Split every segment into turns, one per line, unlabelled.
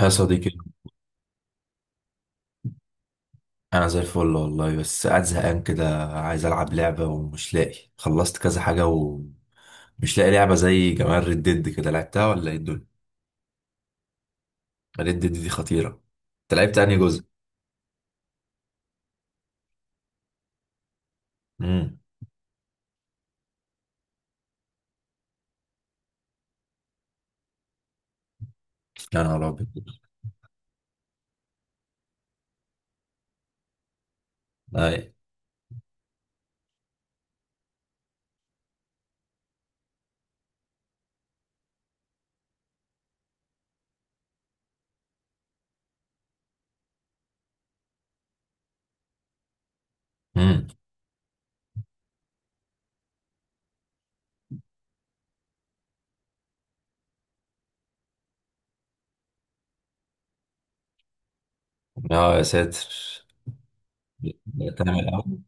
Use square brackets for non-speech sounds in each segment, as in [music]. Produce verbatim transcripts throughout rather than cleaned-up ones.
يا صديقي، انا زي الفل والله. بس قاعد زهقان كده، عايز العب لعبه ومش لاقي. خلصت كذا حاجه ومش لاقي لعبه زي جمال ريد ديد كده. لعبتها ولا ايه الدنيا؟ ريد ديد دي خطيره. انت لعبت انهي جزء؟ امم يا نهار ابيض. اي. امم اه يا ساتر. تعمل اول.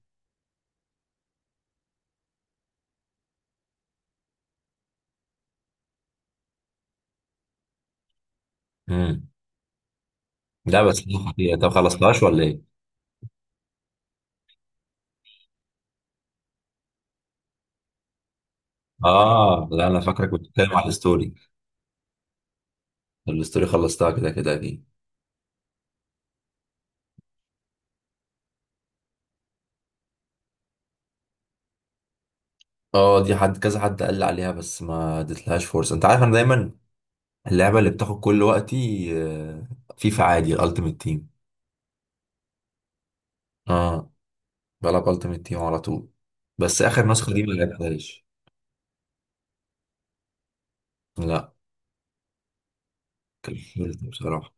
امم لا بس دي خطيره. طب خلصتهاش ولا ايه؟ اه لا، انا فاكرك كنت بتتكلم على الستوري. الستوري خلصتها كده كده اكيد. اه دي حد، كذا حد قال لي عليها بس ما اديتلهاش فرصه. انت عارف انا دايما اللعبة اللي بتاخد كل وقتي آه، فيفا، عادي، الالتيميت تيم. اه، بلعب التيميت تيم على طول. بس اخر نسخة دي ما لعبتهاش. لا، كملت بصراحة.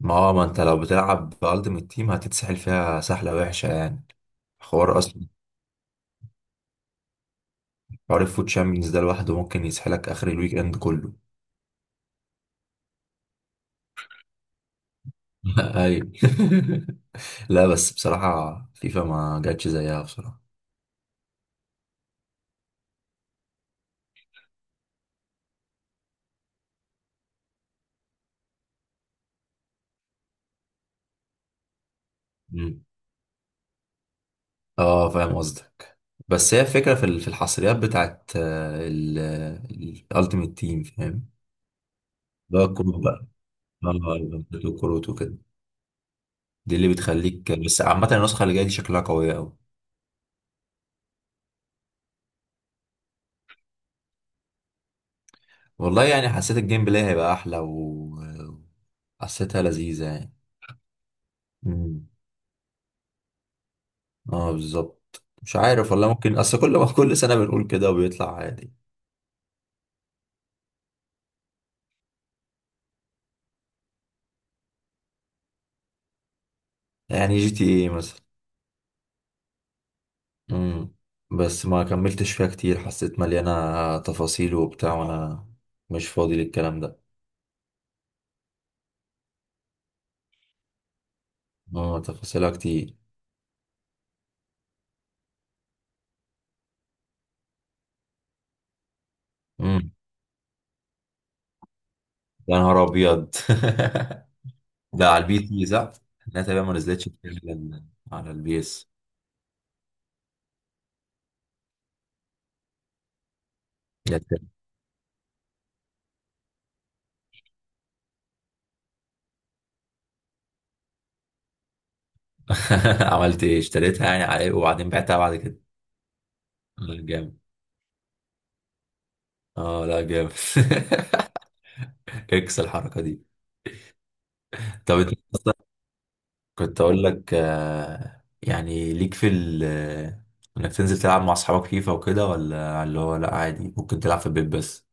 ما هو ما انت لو بتلعب بالتيميت تيم هتتسحل فيها سحلة وحشة يعني. حوار اصلا. حوار الفوت شامبيونز ده لوحده ممكن يسحلك اخر الويك اند كله. [laughs] ايوه. [laughs] لا بس بصراحة فيفا ما جاتش زيها بصراحة. مم. اه فاهم قصدك. بس هي الفكرة في ال- في الحصريات بتاعت آه، ال الالتيميت تيم، فاهم. اللي هو الكروت بقى. اه، آه، الكروت وكده. دي اللي بتخليك. بس عامة النسخة اللي جاية دي شكلها قوية أوي. والله يعني حسيت الجيم بلاي هيبقى أحلى، و حسيتها لذيذة يعني. مم. اه بالظبط. مش عارف والله، ممكن أصل كل ما كل سنة بنقول كده وبيطلع عادي. يعني جي تي ايه مثلا. مم. بس ما كملتش فيها كتير، حسيت مليانة تفاصيل وبتاع وانا مش فاضي للكلام ده. اه تفاصيلها كتير. مم. يا نهار ابيض. [laughs] ده على البي سي صح؟ لا تقريبا ما نزلتش كتير على على البي اس. يا سلام. [laughs] عملت ايه، اشتريتها يعني على ايه وبعدين بعتها بعد كده؟ لا، جامد. اه لا جامد. [laughs] اكس الحركة دي. طب انت، كنت اقول لك آه، يعني ليك في ال آه، انك تنزل تلعب مع اصحابك فيفا وكده، ولا اللي هو لا عادي ممكن تلعب في البيت بس؟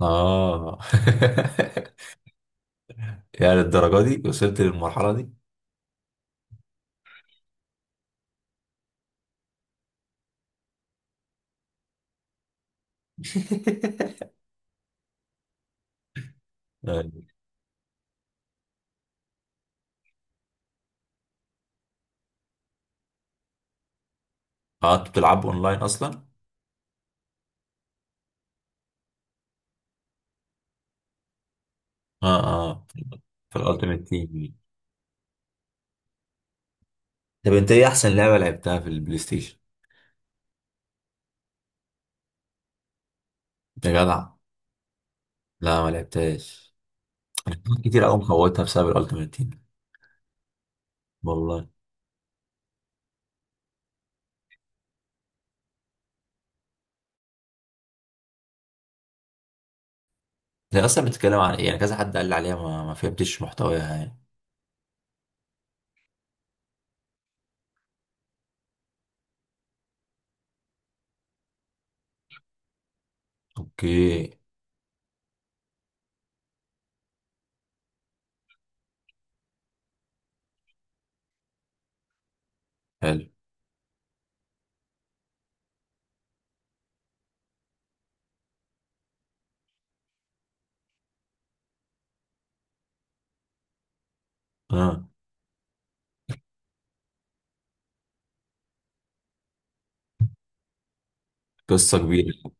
اه. [laughs] يعني للدرجه دي، وصلت للمرحله دي. [laughs] اه انت بتلعب اونلاين اصلا؟ اه. اه في الالتيميت تيم. طب انت ايه احسن لعبه لعبتها في البلاي ستيشن؟ يا جدع. لا ما لعبتهاش. انا كنت كتير قوي مفوتها بسبب الالتيميت تيم والله. هي اصلا بتتكلم عن ايه يعني؟ كذا حد قال لي عليها ما, ما فهمتش محتواها يعني. اوكي. حلو. اه قصة كبيرة.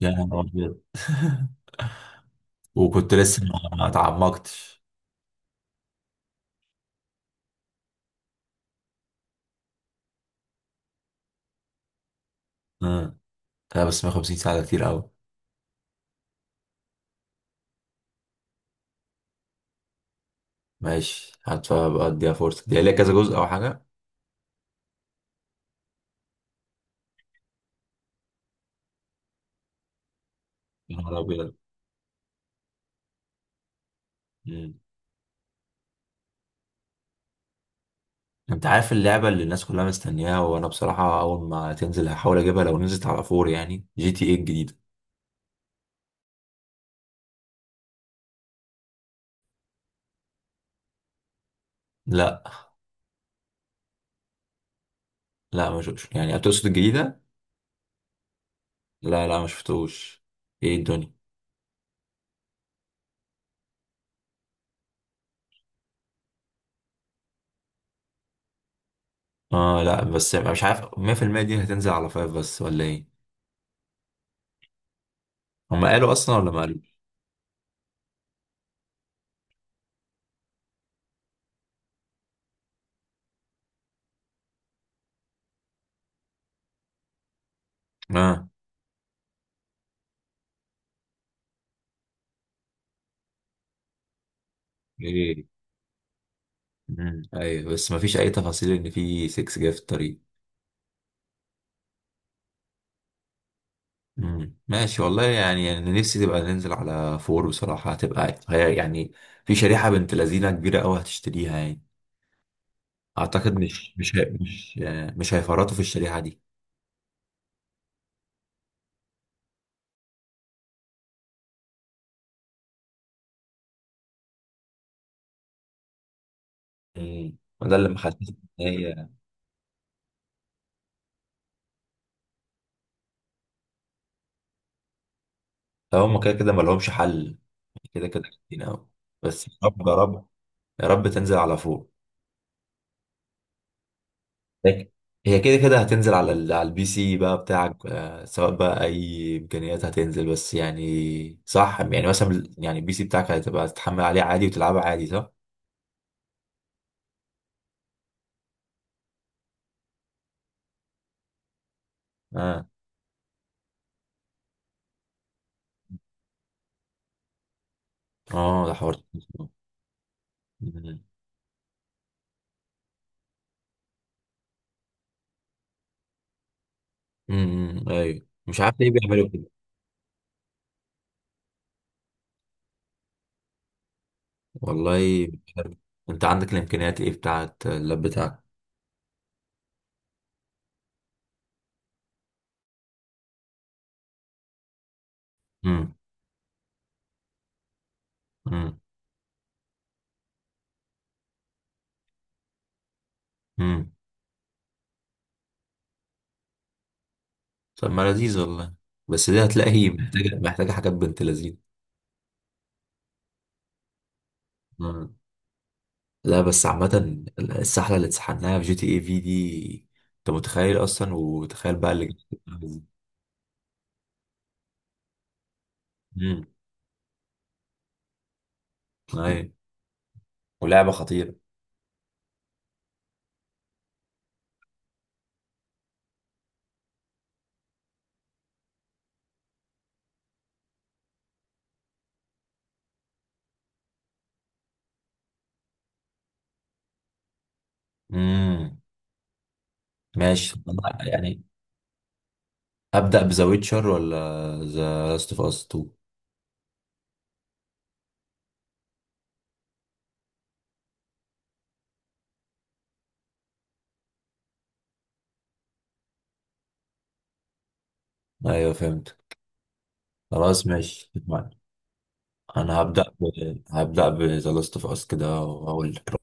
يا نهار أبيض. [laughs] وكنت لسه ما ما اتعمقتش. اه لا بس مية وخمسين ساعة ده كتير أوي. ماشي، هبقى أديها فرصة. دي ليها كذا جزء أو حاجة؟ يا نهار أبيض. مم. أنت عارف اللعبة اللي الناس كلها مستنياها؟ وأنا بصراحة أول ما تنزل هحاول أجيبها لو نزلت على فور، يعني جي تي إيه الجديدة. لا لا ما شفتش. يعني هتقصد الجديدة؟ لا لا ما شفتوش. إيه الدنيا. اه لا بس مش عارف، مية في المية دي هتنزل على فايف بس ولا إيه؟ هم قالوا اصلا ولا ما قالوا؟ اه. ايه. مم. ايوه بس ما فيش اي تفاصيل ان في ستة جاي في الطريق. مم. ماشي والله. يعني انا نفسي تبقى ننزل على فور بصراحه، هتبقى هي يعني. في شريحه بنت لذينه كبيره قوي هتشتريها يعني. اعتقد مش مش هي- مش مش هيفرطوا في الشريحه دي. مم. وده اللي محسسني ان هي. طب هم كده كده ما لهمش حل. يعني كده كده كتير قوي. بس يا رب يا رب، يا رب تنزل على فور. لك- هي كده كده هتنزل على ال... على البي سي بقى بتاعك، آه، سواء بقى اي امكانيات هتنزل. بس يعني صح، يعني مثلا ال- يعني البي سي بتاعك هتبقى تتحمل عليه عادي وتلعبه عادي صح؟ اه. اه ده حوار. أمم، أمم، ايوه مش عارف ليه بيعملوا كده. والله. انت عندك الامكانيات ايه بتاعت اللاب بتاعك؟ امم امم امم طب ما لذيذ والله. بس دي هتلاقي [laughs] محتاجه، محتاجه حاجات بنت لذيذ. لا بس عامة السحلة اللي اتسحلناها في جي تي اي في دي، انت متخيل اصلا؟ وتخيل بقى اللي امم ايوه. ولعبة خطيرة. امم ماشي. طب أنا يعني ابدأ بذا ويتشر، ولا ذا لاست اوف اس تو؟ ايوه فهمت. خلاص ماشي اتفقنا. انا هبدأ ب... هبدأ بذا لاست اوف اس كده واقول لك.